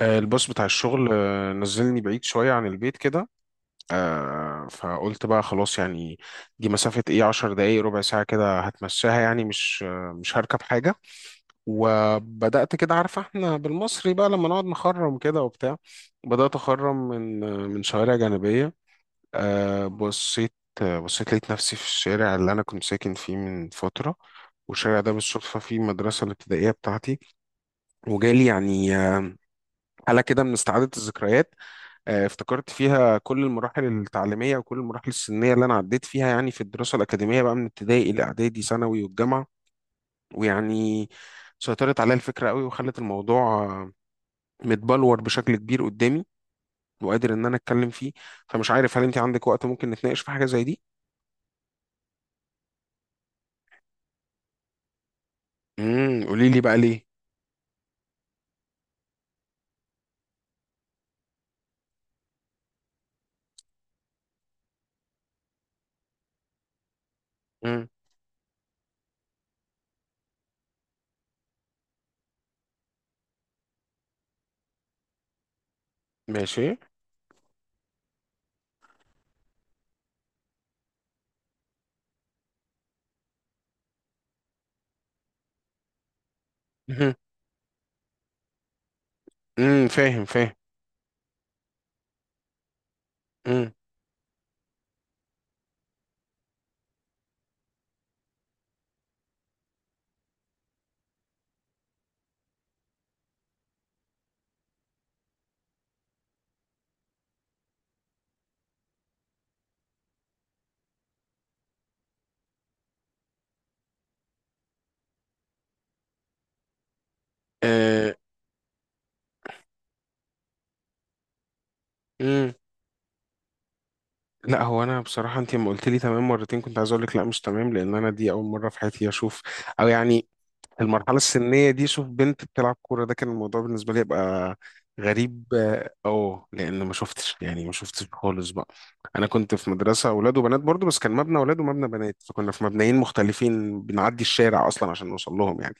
الباص بتاع الشغل نزلني بعيد شوية عن البيت كده. فقلت بقى خلاص يعني دي مسافة ايه 10 دقايق ربع ساعة كده هتمشاها يعني مش هركب حاجة. وبدأت كده عارفة احنا بالمصري بقى لما نقعد نخرم كده وبتاع. بدأت أخرم من شوارع جانبية. بصيت. بصيت لقيت نفسي في الشارع اللي أنا كنت ساكن فيه من فترة. والشارع ده بالصدفة فيه المدرسة الابتدائية بتاعتي. وجالي يعني حالة كده من استعادة الذكريات. افتكرت فيها كل المراحل التعليمية وكل المراحل السنية اللي أنا عديت فيها يعني في الدراسة الأكاديمية بقى من ابتدائي إلى إعدادي ثانوي والجامعة. ويعني سيطرت عليا الفكرة قوي وخلت الموضوع متبلور بشكل كبير قدامي وقادر إن أنا أتكلم فيه. فمش عارف هل أنت عندك وقت ممكن نتناقش في حاجة زي دي؟ امم، قولي لي بقى ليه؟ امم. ماشي. مهم. امم، فاهم فاهم. امم. آه، امم. لا، هو انا بصراحه انت لما قلت لي تمام مرتين كنت عايز اقول لك لا مش تمام لان انا دي اول مره في حياتي اشوف. او يعني المرحلة السنية دي شوف بنت بتلعب كورة ده كان الموضوع بالنسبة لي يبقى غريب لأن ما شفتش يعني ما شفتش خالص بقى. أنا كنت في مدرسة أولاد وبنات برضو بس كان مبنى أولاد ومبنى بنات فكنا في مبنيين مختلفين بنعدي الشارع أصلا عشان نوصل لهم يعني.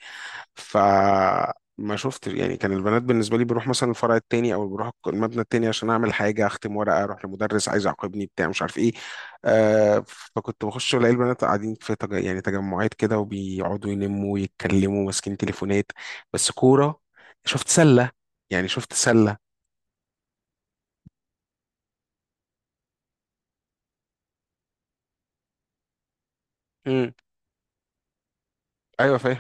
فما شفتش يعني، كان البنات بالنسبة لي بروح مثلا الفرع التاني أو بروح المبنى التاني عشان أعمل حاجة أختم ورقة أروح لمدرس عايز يعاقبني بتاع مش عارف إيه. آه فكنت بخش الاقي البنات قاعدين في يعني تجمعات كده وبيقعدوا يلموا ويتكلموا ماسكين تليفونات بس كورة. شفت سلة. يعني شفت سلة. امم، ايوه فاهم.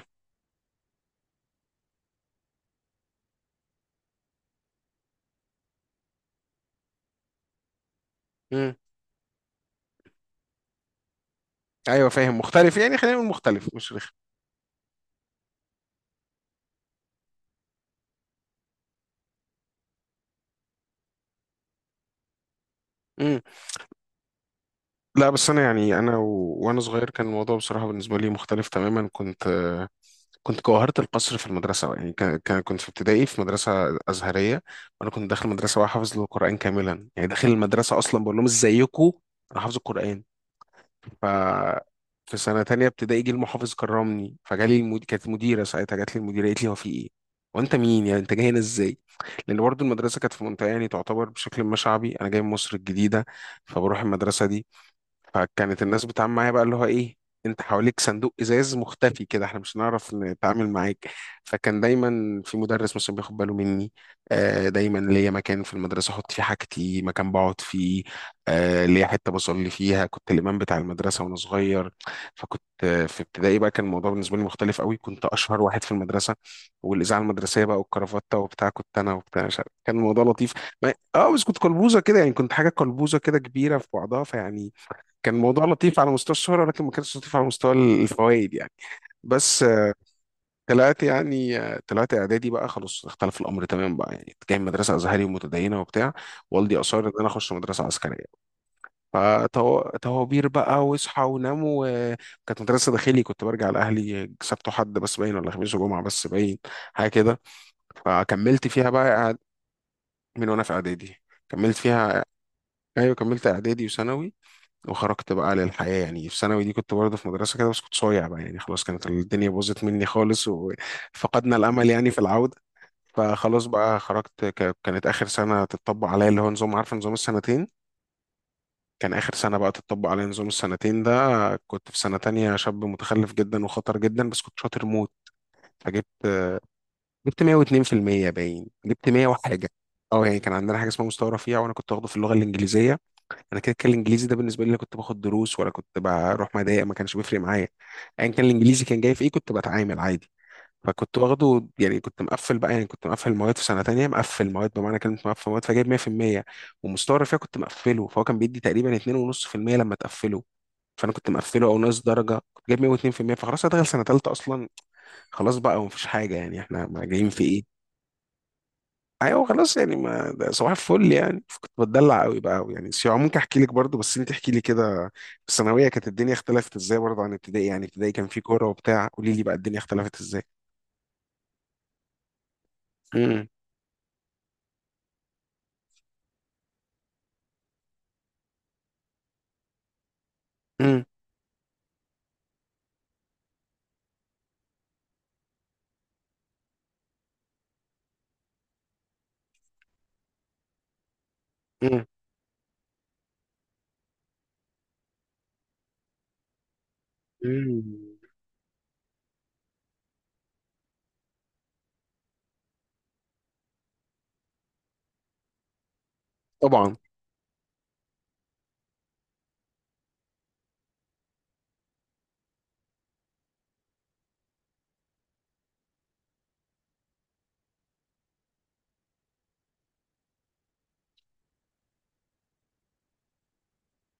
امم، ايوه فاهم، مختلف يعني خلينا نقول مختلف مش رخم. امم. لا بس انا يعني وانا صغير كان الموضوع بصراحة بالنسبة لي مختلف تماما. كنت كنت جوهرة القصر في المدرسة يعني كنت في ابتدائي في مدرسة أزهرية. وأنا كنت داخل مدرسة وحافظ القرآن كاملا يعني داخل المدرسة أصلا بقول لهم إزيكم أنا حافظ القرآن. ففي سنة تانية ابتدائي جه المحافظ كرمني فجالي كانت مديرة ساعتها جات لي المديرة قالت لي هو في ايه؟ وانت مين يعني انت جاي هنا ازاي؟ لان برضو المدرسة كانت في منطقة يعني تعتبر بشكل ما شعبي. انا جاي من مصر الجديدة فبروح المدرسة دي. فكانت الناس بتتعامل معايا بقى اللي هو ايه انت حواليك صندوق ازاز مختفي كده احنا مش هنعرف نتعامل معاك. فكان دايما في مدرس مثلا بياخد باله مني. دايما ليا مكان في المدرسه احط فيه حاجتي مكان بقعد فيه. ليا حته بصلي فيها كنت الامام بتاع المدرسه وانا صغير. فكنت في ابتدائي بقى كان الموضوع بالنسبه لي مختلف قوي. كنت اشهر واحد في المدرسه والاذاعه المدرسيه بقى والكرافته وبتاع. كنت انا وبتاع مش عارف. كان الموضوع لطيف. بس كنت قلبوزه كده يعني كنت حاجه قلبوزه كده كبيره في بعضها فيعني كان الموضوع لطيف على مستوى الشهرة ولكن ما كانش لطيف على مستوى الفوائد يعني. بس طلعت يعني طلعت إعدادي بقى خلاص اختلف الأمر تماما بقى يعني كنت جاي من مدرسة أزهري ومتدينة وبتاع. والدي أصر إن أنا أخش مدرسة عسكرية. فتوابير بقى واصحى ونام وكانت مدرسة داخلي. كنت برجع لأهلي سبت وحد بس باين ولا خميس وجمعة بس باين حاجة كده. فكملت فيها بقى من وأنا في إعدادي كملت فيها. أيوه كملت إعدادي وثانوي. وخرجت بقى للحياة يعني. في ثانوي دي كنت برضه في مدرسة كده بس كنت صايع بقى يعني خلاص. كانت الدنيا باظت مني خالص وفقدنا الأمل يعني في العودة. فخلاص بقى خرجت كانت آخر سنة تتطبق عليا اللي هو نظام، عارف، نظام السنتين. كان آخر سنة بقى تتطبق عليا نظام السنتين ده. كنت في سنة تانية شاب متخلف جدا وخطر جدا بس كنت شاطر موت. فجبت 102%. باين جبت 100 وحاجة. اه يعني كان عندنا حاجة اسمها مستوى رفيع وانا كنت واخده في اللغة الإنجليزية. انا كده كان الانجليزي ده بالنسبه لي لا كنت باخد دروس ولا كنت بروح مضايق، ما كانش بيفرق معايا. ايا كان الانجليزي كان جاي في ايه كنت بتعامل عادي. فكنت واخده يعني كنت مقفل بقى يعني كنت مقفل المواد في سنه تانية مقفل مواد بمعنى كلمه مقفل مواد. فجايب 100%. ومستوى الرفيع كنت مقفله فهو كان بيدي تقريبا 2.5% لما تقفله. فانا كنت مقفله او ناقص درجه كنت جايب 102%. فخلاص هدخل سنه تالتة اصلا. خلاص بقى ومفيش حاجه يعني احنا ما جايين في ايه. ايوه خلاص يعني ما ده صباح الفل يعني. كنت بتدلع قوي بقى قوي يعني. سيوة ممكن احكي لك برضو بس انت احكي لي كده في الثانويه كانت الدنيا اختلفت ازاي برضو عن ابتدائي يعني. ابتدائي كان في كوره وبتاع. قولي لي بقى الدنيا اختلفت ازاي. امم. امم. امم. أمم. طبعا.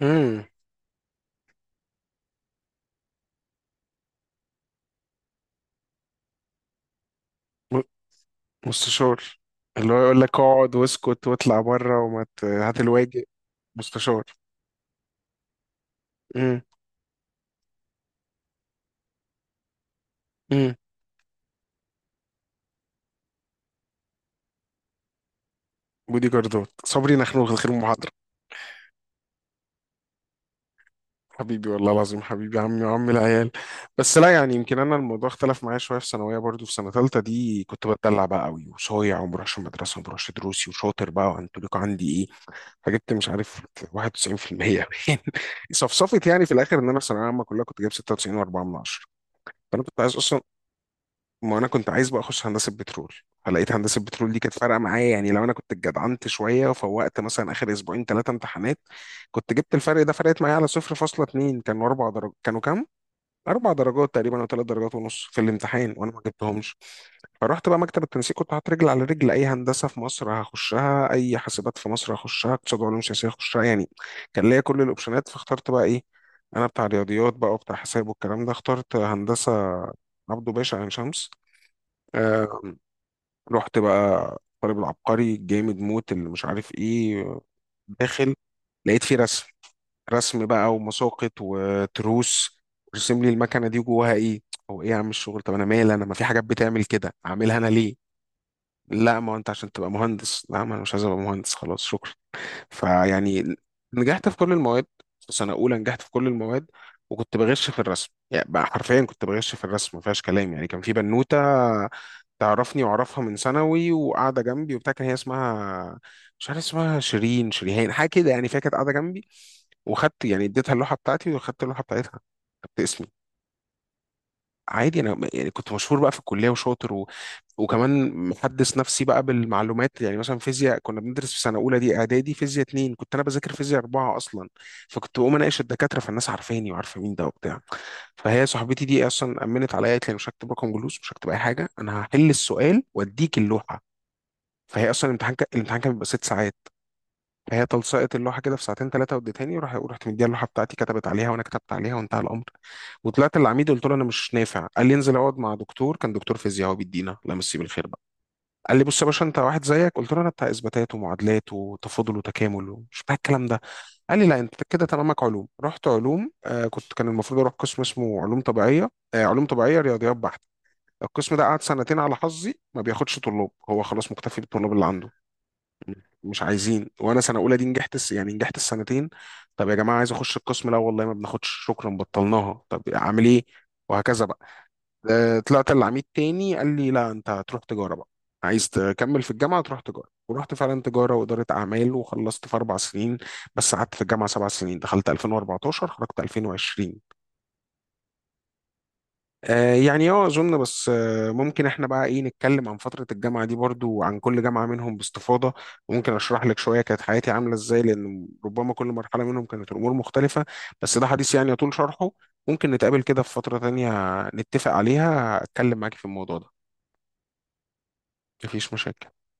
امم. م- مستشار. اللي هو يقول لك اقعد واسكت واطلع بره وما هات الواجب. مستشار. امم. امم. بودي جاردات صبري نخنوخ الخير محاضره. حبيبي والله العظيم حبيبي عمي وعم العيال. بس لا يعني يمكن انا الموضوع اختلف معايا شويه في ثانويه برضو في سنه ثالثه دي كنت بتدلع بقى قوي وصايع وما بروحش المدرسه وما بروحش دروسي وشاطر بقى وانتوليكو عندي ايه. فجبت مش عارف 91%. صفصفت يعني في الاخر ان انا في ثانويه عامه كلها كنت جايب 96.4 من 10. فانا كنت عايز اصلا ما انا كنت عايز بقى اخش هندسه بترول. فلقيت هندسه بترول دي كانت فارقه معايا يعني لو انا كنت اتجدعنت شويه وفوقت مثلا اخر اسبوعين ثلاثه امتحانات كنت جبت الفرق ده. فرقت معايا على 0.2، كانوا اربع درجات، كانوا كام؟ اربع درجات تقريبا او ثلاث درجات ونص في الامتحان وانا ما جبتهمش. فرحت بقى مكتب التنسيق كنت حاطط رجل على رجل، اي هندسه في مصر هخشها، اي حاسبات في مصر هخشها، اقتصاد وعلوم سياسيه هخشها يعني. كان ليا كل الاوبشنات فاخترت بقى ايه. انا بتاع رياضيات بقى وبتاع حساب والكلام ده اخترت هندسه عبده باشا عين شمس. آه. رحت بقى طالب العبقري جامد موت اللي مش عارف ايه. داخل لقيت فيه رسم. رسم بقى ومساقط وتروس. رسم لي المكنه دي جواها ايه. هو ايه يا عم الشغل؟ طب انا مالي، انا ما في حاجات بتعمل كده اعملها انا ليه؟ لا ما هو انت عشان تبقى مهندس. لا ما انا مش عايز ابقى مهندس خلاص شكرا. فيعني نجحت في كل المواد. في سنه اولى نجحت في كل المواد. وكنت بغش في الرسم يعني بقى حرفيا كنت بغش في الرسم ما فيهاش كلام يعني. كان في بنوته تعرفني واعرفها من ثانوي وقاعده جنبي وبتاع كان هي اسمها مش عارف اسمها شيرين شريهان حاجه كده يعني. فهي كانت قاعده جنبي. وخدت يعني اديتها اللوحه بتاعتي وخدت اللوحه بتاعتها. كتبت اسمي. عادي انا يعني كنت مشهور بقى في الكليه وشاطر وكمان محدث نفسي بقى بالمعلومات يعني مثلا فيزياء كنا بندرس في سنه اولى دي اعدادي فيزياء اتنين كنت انا بذاكر فيزياء اربعه اصلا. فكنت بقوم اناقش الدكاتره فالناس عارفاني وعارفه مين ده وبتاع. فهي صاحبتي دي اصلا امنت عليا قالت لي أنا مش هكتب رقم جلوس مش هكتب اي حاجه انا هحل السؤال واديك اللوحه. فهي اصلا الامتحان كان بيبقى 6 ساعات. فهي تلصقت اللوحه كده في ساعتين ثلاثه واديتهاني وراح ورحت مديها اللوحه بتاعتي كتبت عليها وانا كتبت عليها وانتهى الامر. وطلعت للعميد قلت له انا مش نافع. قال لي انزل اقعد مع دكتور، كان دكتور فيزياء هو بيدينا، لا مسيه بالخير بقى. قال لي بص يا باشا انت واحد زيك. قلت له انا بتاع اثباتات ومعادلات وتفاضل وتكامل ومش بتاع الكلام ده. قال لي لا انت كده تمامك علوم. رحت علوم. آه كنت كان المفروض اروح قسم اسمه علوم طبيعيه. آه علوم طبيعيه رياضيات بحت. القسم ده قعد سنتين على حظي ما بياخدش طلاب. هو خلاص مكتفي بالطلاب اللي عنده. مش عايزين وانا سنه اولى دي نجحت يعني نجحت السنتين. طب يا جماعه عايز اخش القسم؟ لا والله ما بناخدش شكرا بطلناها. طب اعمل ايه؟ وهكذا بقى. طلعت العميد تاني قال لي لا انت هتروح تجاره بقى. عايز تكمل في الجامعه تروح تجاره. ورحت فعلا تجاره واداره اعمال وخلصت في 4 سنين. بس قعدت في الجامعه 7 سنين. دخلت 2014 خرجت 2020. يعني اظن بس ممكن احنا بقى ايه نتكلم عن فترة الجامعة دي برضو وعن كل جامعة منهم باستفاضة. وممكن اشرح لك شوية كانت حياتي عاملة ازاي لان ربما كل مرحلة منهم كانت الامور مختلفة. بس ده حديث يعني يطول شرحه. ممكن نتقابل كده في فترة تانية نتفق عليها اتكلم معاكي في الموضوع ده. مفيش مشاكل.